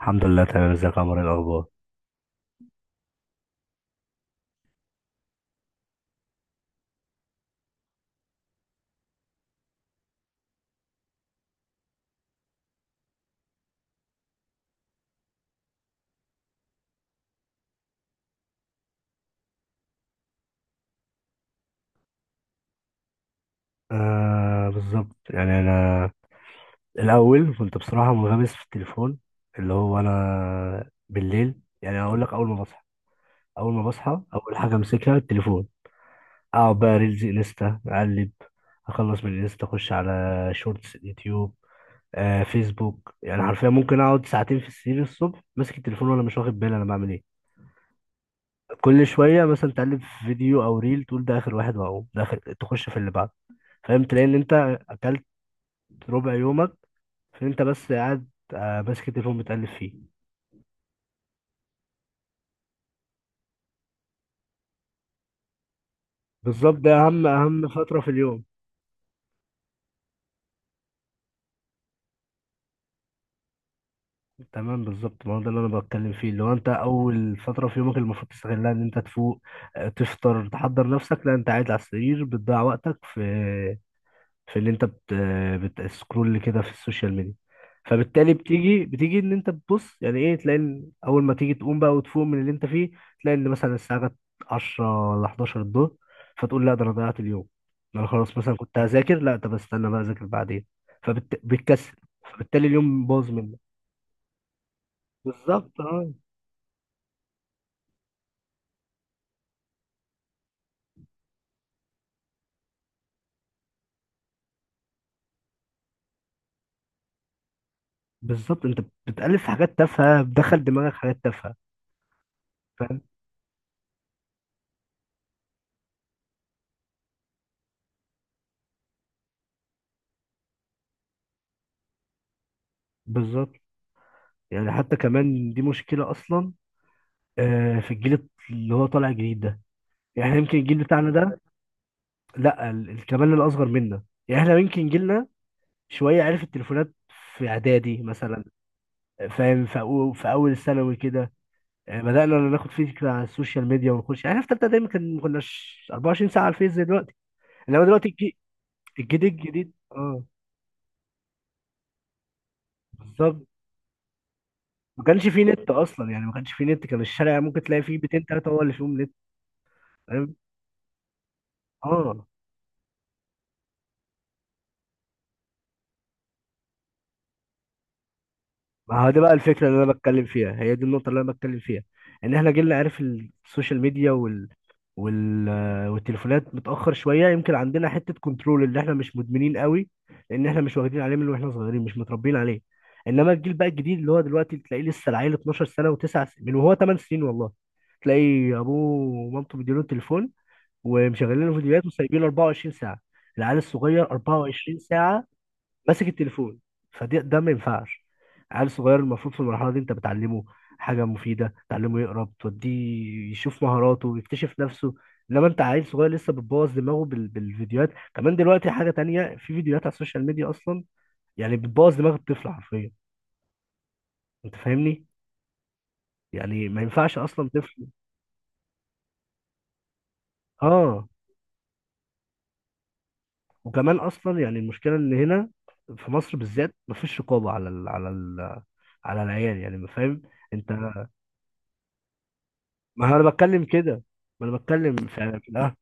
الحمد لله تمام، ازيك يا عمر؟ ايه الاخبار؟ آه بالظبط، يعني انا الاول كنت بصراحه منغمس في التليفون. اللي هو انا بالليل يعني اقول لك، اول ما بصحى اول حاجه امسكها التليفون. اقعد بقى ريلز انستا اقلب، اخلص من الانستا اخش على شورتس يوتيوب، فيسبوك. يعني حرفيا ممكن اقعد ساعتين في السرير الصبح ماسك التليفون وانا مش واخد بالي انا بعمل ايه. كل شويه مثلا تقلب في فيديو او ريل تقول ده اخر واحد، واقوم ده اخر تخش في اللي بعده. فاهم، تلاقي ان انت اكلت ربع يومك، فانت بس قاعد، ماسك التليفون بتقلب فيه. بالظبط، ده اهم فتره في اليوم. تمام بالظبط، ما هو ده اللي انا بتكلم فيه، اللي هو انت اول فتره في يومك المفروض تستغلها ان انت تفوق، تفطر تحضر نفسك. لا انت قاعد على السرير بتضيع وقتك في في اللي انت بت... بتسكرول كده في السوشيال ميديا. فبالتالي بتيجي ان انت بتبص، يعني ايه؟ تلاقي ان اول ما تيجي تقوم بقى وتفوق من اللي انت فيه، تلاقي ان مثلا الساعه جت 10 ولا 11 الظهر. فتقول لا، ده انا ضيعت اليوم، ده انا خلاص، مثلا كنت هذاكر، لا طب استنى بقى اذاكر بعدين. فبتكسل، فبالتالي اليوم باظ منك. بالظبط اه. بالظبط انت بتألف في حاجات تافهه، بتدخل دماغك حاجات تافهه. فاهم. بالظبط، يعني حتى كمان دي مشكله اصلا، في الجيل اللي هو طالع جديد ده، يعني يمكن الجيل بتاعنا ده، لا كمان الاصغر منا. يعني احنا يمكن جيلنا شويه عرف التليفونات في اعدادي مثلا، فاهم، في في اول ثانوي كده يعني بدانا ناخد فكره عن السوشيال ميديا ونخش. يعني احنا في ثالثه دايما كان، ما كناش 24 ساعه على الفيس زي دلوقتي. انما دلوقتي الجيل الجديد اه. بالظبط، ما كانش فيه نت اصلا، يعني ما كانش فيه نت، كان الشارع ممكن تلاقي فيه بيتين ثلاثه هو اللي فيهم نت. فاهم اه. ما هو دي بقى الفكرة اللي أنا بتكلم فيها، هي دي النقطة اللي أنا بتكلم فيها، إن إحنا جيلنا عارف السوشيال ميديا وال... والتليفونات متأخر شوية، يمكن عندنا حتة كنترول، اللي إحنا مش مدمنين قوي، لأن إحنا مش واخدين عليه من وإحنا صغيرين، مش متربيين عليه. إنما الجيل بقى الجديد اللي هو دلوقتي تلاقيه لسه العيل 12 سنة و9 سنين، من وهو 8 سنين والله، تلاقي أبوه ومامته مديله التليفون ومشغلين له فيديوهات وسايبينه 24 ساعة. العيال الصغير 24 ساعة ماسك التليفون. فده ما ينفعش. عيل صغير المفروض في المرحله دي انت بتعلمه حاجه مفيده، تعلمه يقرا، بتوديه يشوف مهاراته، يكتشف نفسه. انما انت عيل صغير لسه بتبوظ دماغه بالفيديوهات. كمان دلوقتي حاجه تانية، في فيديوهات على السوشيال ميديا اصلا يعني بتبوظ دماغ الطفل حرفيا. انت فاهمني، يعني ما ينفعش اصلا طفل. اه، وكمان اصلا يعني المشكله ان هنا في مصر بالذات مفيش رقابه على العيال، يعني ما فاهم انت. ما هو انا بتكلم كده، ما انا بتكلم في في الأهل.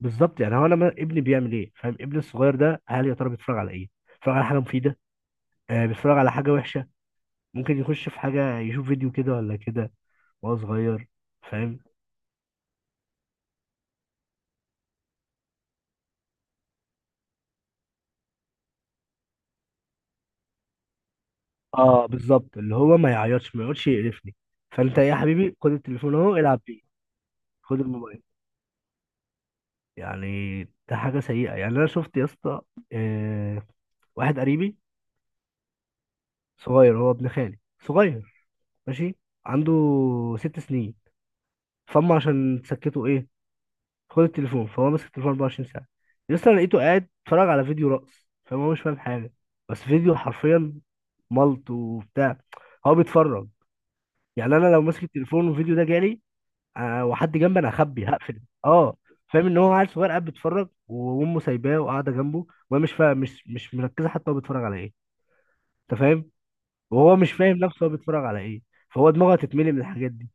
بالظبط، يعني هو انا ابني بيعمل ايه؟ فاهم؟ ابني الصغير ده، هل يا ترى بيتفرج على ايه؟ بيتفرج على حاجه مفيده، آه بيتفرج على حاجه وحشه؟ ممكن يخش في حاجه يشوف فيديو كده ولا كده وهو صغير. فاهم اه. بالظبط، اللي هو ما يعيطش ما يقعدش يقرفني. فانت ايه يا حبيبي، خد التليفون اهو العب بيه، خد الموبايل. يعني ده حاجه سيئه. يعني انا شفت يا اسطى، آه، واحد قريبي صغير، هو ابن خالي صغير، ماشي، عنده 6 سنين، فهم عشان سكتوا ايه، خد التليفون، فهو ماسك التليفون 24 ساعه. لسه انا لقيته قاعد اتفرج على فيديو رقص فهو مش فاهم حاجه، بس فيديو حرفيا ملط وبتاع هو بيتفرج. يعني انا لو ماسك التليفون والفيديو ده جالي وحد جنبي انا هخبي هقفل، اه. فاهم ان هو عيل صغير قاعد بيتفرج وامه سايباه وقاعده جنبه وهي مش فاهم، مش مركزه حتى هو بيتفرج على ايه. انت فاهم؟ وهو مش فاهم نفسه هو بيتفرج على ايه، فهو دماغه هتتملي من الحاجات دي،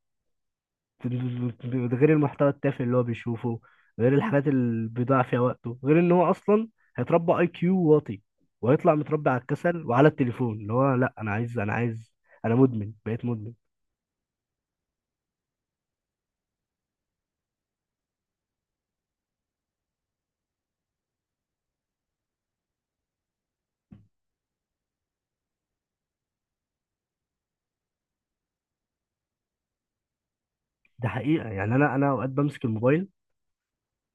غير المحتوى التافه اللي هو بيشوفه، غير الحاجات اللي بيضيع فيها وقته، غير ان هو اصلا هيتربى اي كيو واطي، وهيطلع متربي على الكسل وعلى التليفون، اللي هو لا انا عايز انا عايز، انا مدمن، بقيت مدمن. ده حقيقة، يعني انا اوقات بمسك الموبايل،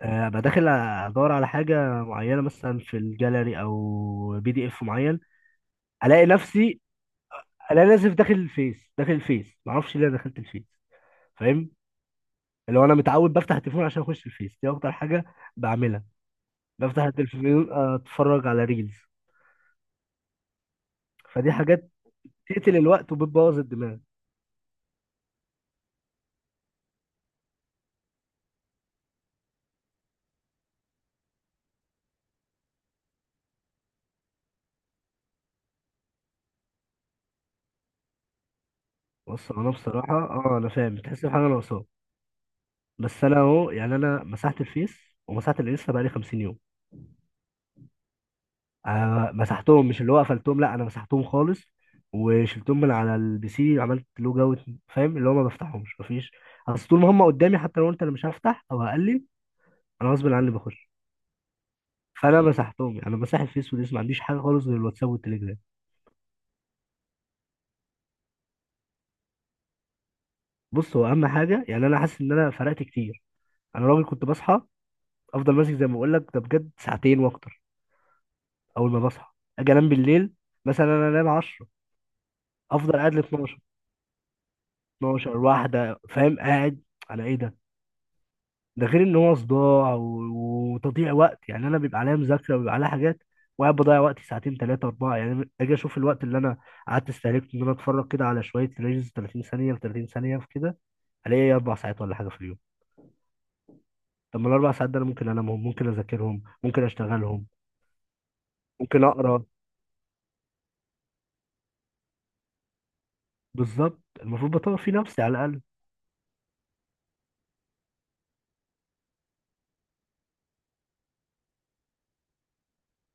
ابقى داخل ادور على حاجة معينة مثلا في الجاليري او بي دي اف معين، الاقي نفسي، الاقي نفسي داخل الفيس، معرفش ليه أنا دخلت الفيس. فاهم؟ لو انا متعود بفتح التليفون عشان اخش الفيس، دي اكتر حاجة بعملها، بفتح التلفزيون اتفرج على ريلز. فدي حاجات تقتل الوقت وبتبوظ الدماغ. بص، انا بصراحه انا فاهم، تحس بحاجه ناقصاك. بس انا اهو، يعني انا مسحت الفيس ومسحت الانستا بقالي 50 يوم. آه، مسحتهم مش اللي هو قفلتهم، لا انا مسحتهم خالص، وشلتهم من على البي سي، عملت لوج اوت. فاهم اللي هو ما بفتحهمش، مفيش. اصل طول ما هم قدامي حتى لو قلت انا مش هفتح او هقلل، انا غصب عني بخش. فانا مسحتهم، يعني انا مسحت الفيس والانستا، ما عنديش حاجه خالص غير الواتساب والتليجرام. بص، هو اهم حاجه يعني انا حاسس ان انا فرقت كتير. انا راجل كنت بصحى، افضل ماسك، زي ما بقول لك ده بجد، ساعتين واكتر اول ما بصحى. اجي انام بالليل، مثلا انا انام 10، افضل قاعد ل 12، 12 واحده، فاهم؟ قاعد على ايه ده؟ ده غير ان هو صداع وتضييع وقت. يعني انا بيبقى عليا مذاكره، وبيبقى عليا حاجات، وقاعد بضيع وقتي ساعتين ثلاثه اربعه. يعني اجي اشوف الوقت اللي انا قعدت استهلكته، ان انا اتفرج كده على شويه ريلز 30 ثانيه في 30 ثانيه في كده، الاقي إيه؟ اربع ساعات ولا حاجه في اليوم. طب ما الاربع ساعات ده انا ممكن انامهم، ممكن اذاكرهم، ممكن اشتغلهم، ممكن اقرا. بالظبط، المفروض بطور فيه نفسي على الاقل.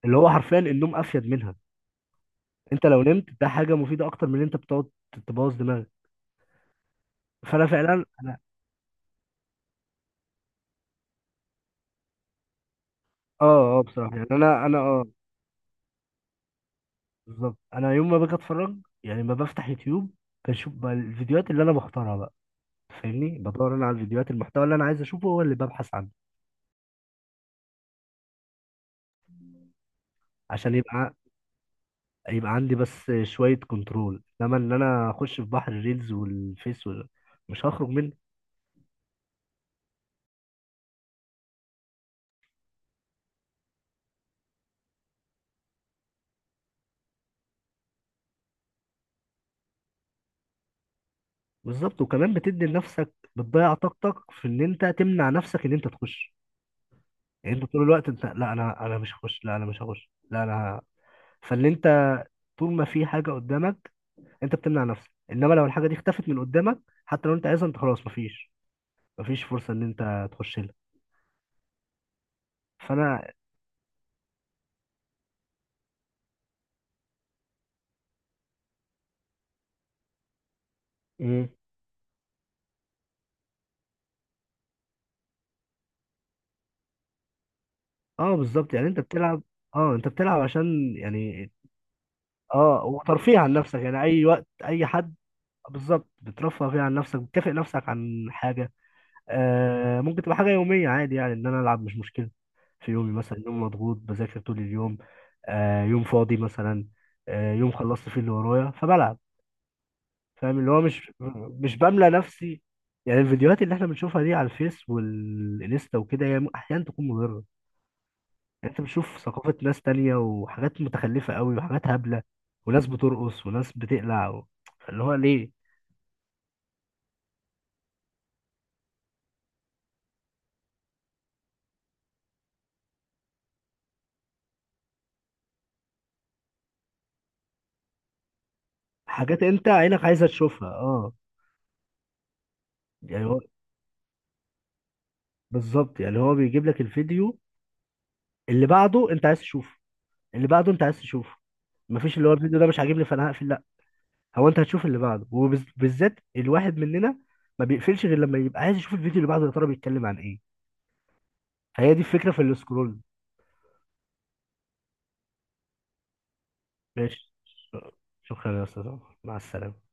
اللي هو حرفيا النوم افيد منها. انت لو نمت ده حاجه مفيده اكتر من ان انت بتقعد تبوظ دماغك. فانا فعلا انا اه اه بصراحه يعني انا انا اه بالظبط، انا يوم ما باجي اتفرج يعني ما بفتح يوتيوب، بشوف بقى الفيديوهات اللي انا بختارها بقى، فاهمني، بدور انا على الفيديوهات، المحتوى اللي انا عايز اشوفه هو اللي ببحث عنه، عشان يبقى عندي بس شويه كنترول. انما ان انا اخش في بحر الريلز والفيس مش هخرج. بالظبط، وكمان بتدي لنفسك، بتضيع طاقتك في ان انت تمنع نفسك ان انت تخش. يعني انت طول الوقت انت، لا انا مش هخش، لا انا مش هخش، لا انا.". فاللي انت طول ما في حاجه قدامك انت بتمنع نفسك، انما لو الحاجه دي اختفت من قدامك، حتى لو انت عايزها، انت خلاص، مفيش، فرصه ان انت تخش لها. فانا. مم. اه بالظبط، يعني انت بتلعب. اه، انت بتلعب عشان يعني اه، وترفيه عن نفسك، يعني اي وقت اي حد. بالظبط، بترفه فيه عن نفسك، بتكافئ نفسك عن حاجه. آه، ممكن تبقى حاجة يومية عادي، يعني إن أنا ألعب مش مشكلة في يومي، مثلا يوم مضغوط بذاكر طول اليوم، آه يوم فاضي مثلا، آه يوم خلصت فيه اللي ورايا فبلعب. فاهم اللي هو مش، بملى نفسي. يعني الفيديوهات اللي احنا بنشوفها دي على الفيس والانستا وكده هي أحيانا تكون مضرة. يعني أنت بتشوف ثقافة ناس تانية، وحاجات متخلفة قوي وحاجات هبلة وناس بترقص وناس بتقلع اللي هو ليه. حاجات أنت عينك عايزة تشوفها أه. يعني هو بالظبط، يعني هو بيجيب لك الفيديو اللي بعده انت عايز تشوفه، اللي بعده انت عايز تشوفه. مفيش اللي هو الفيديو ده مش عاجبني فانا هقفل، لا، هو انت هتشوف اللي بعده. وبالذات الواحد مننا ما بيقفلش غير لما يبقى عايز يشوف الفيديو اللي بعده يا ترى بيتكلم عن ايه. هي دي الفكرة في السكرول. ماشي، شكرا يا استاذ عمر. مع السلامة.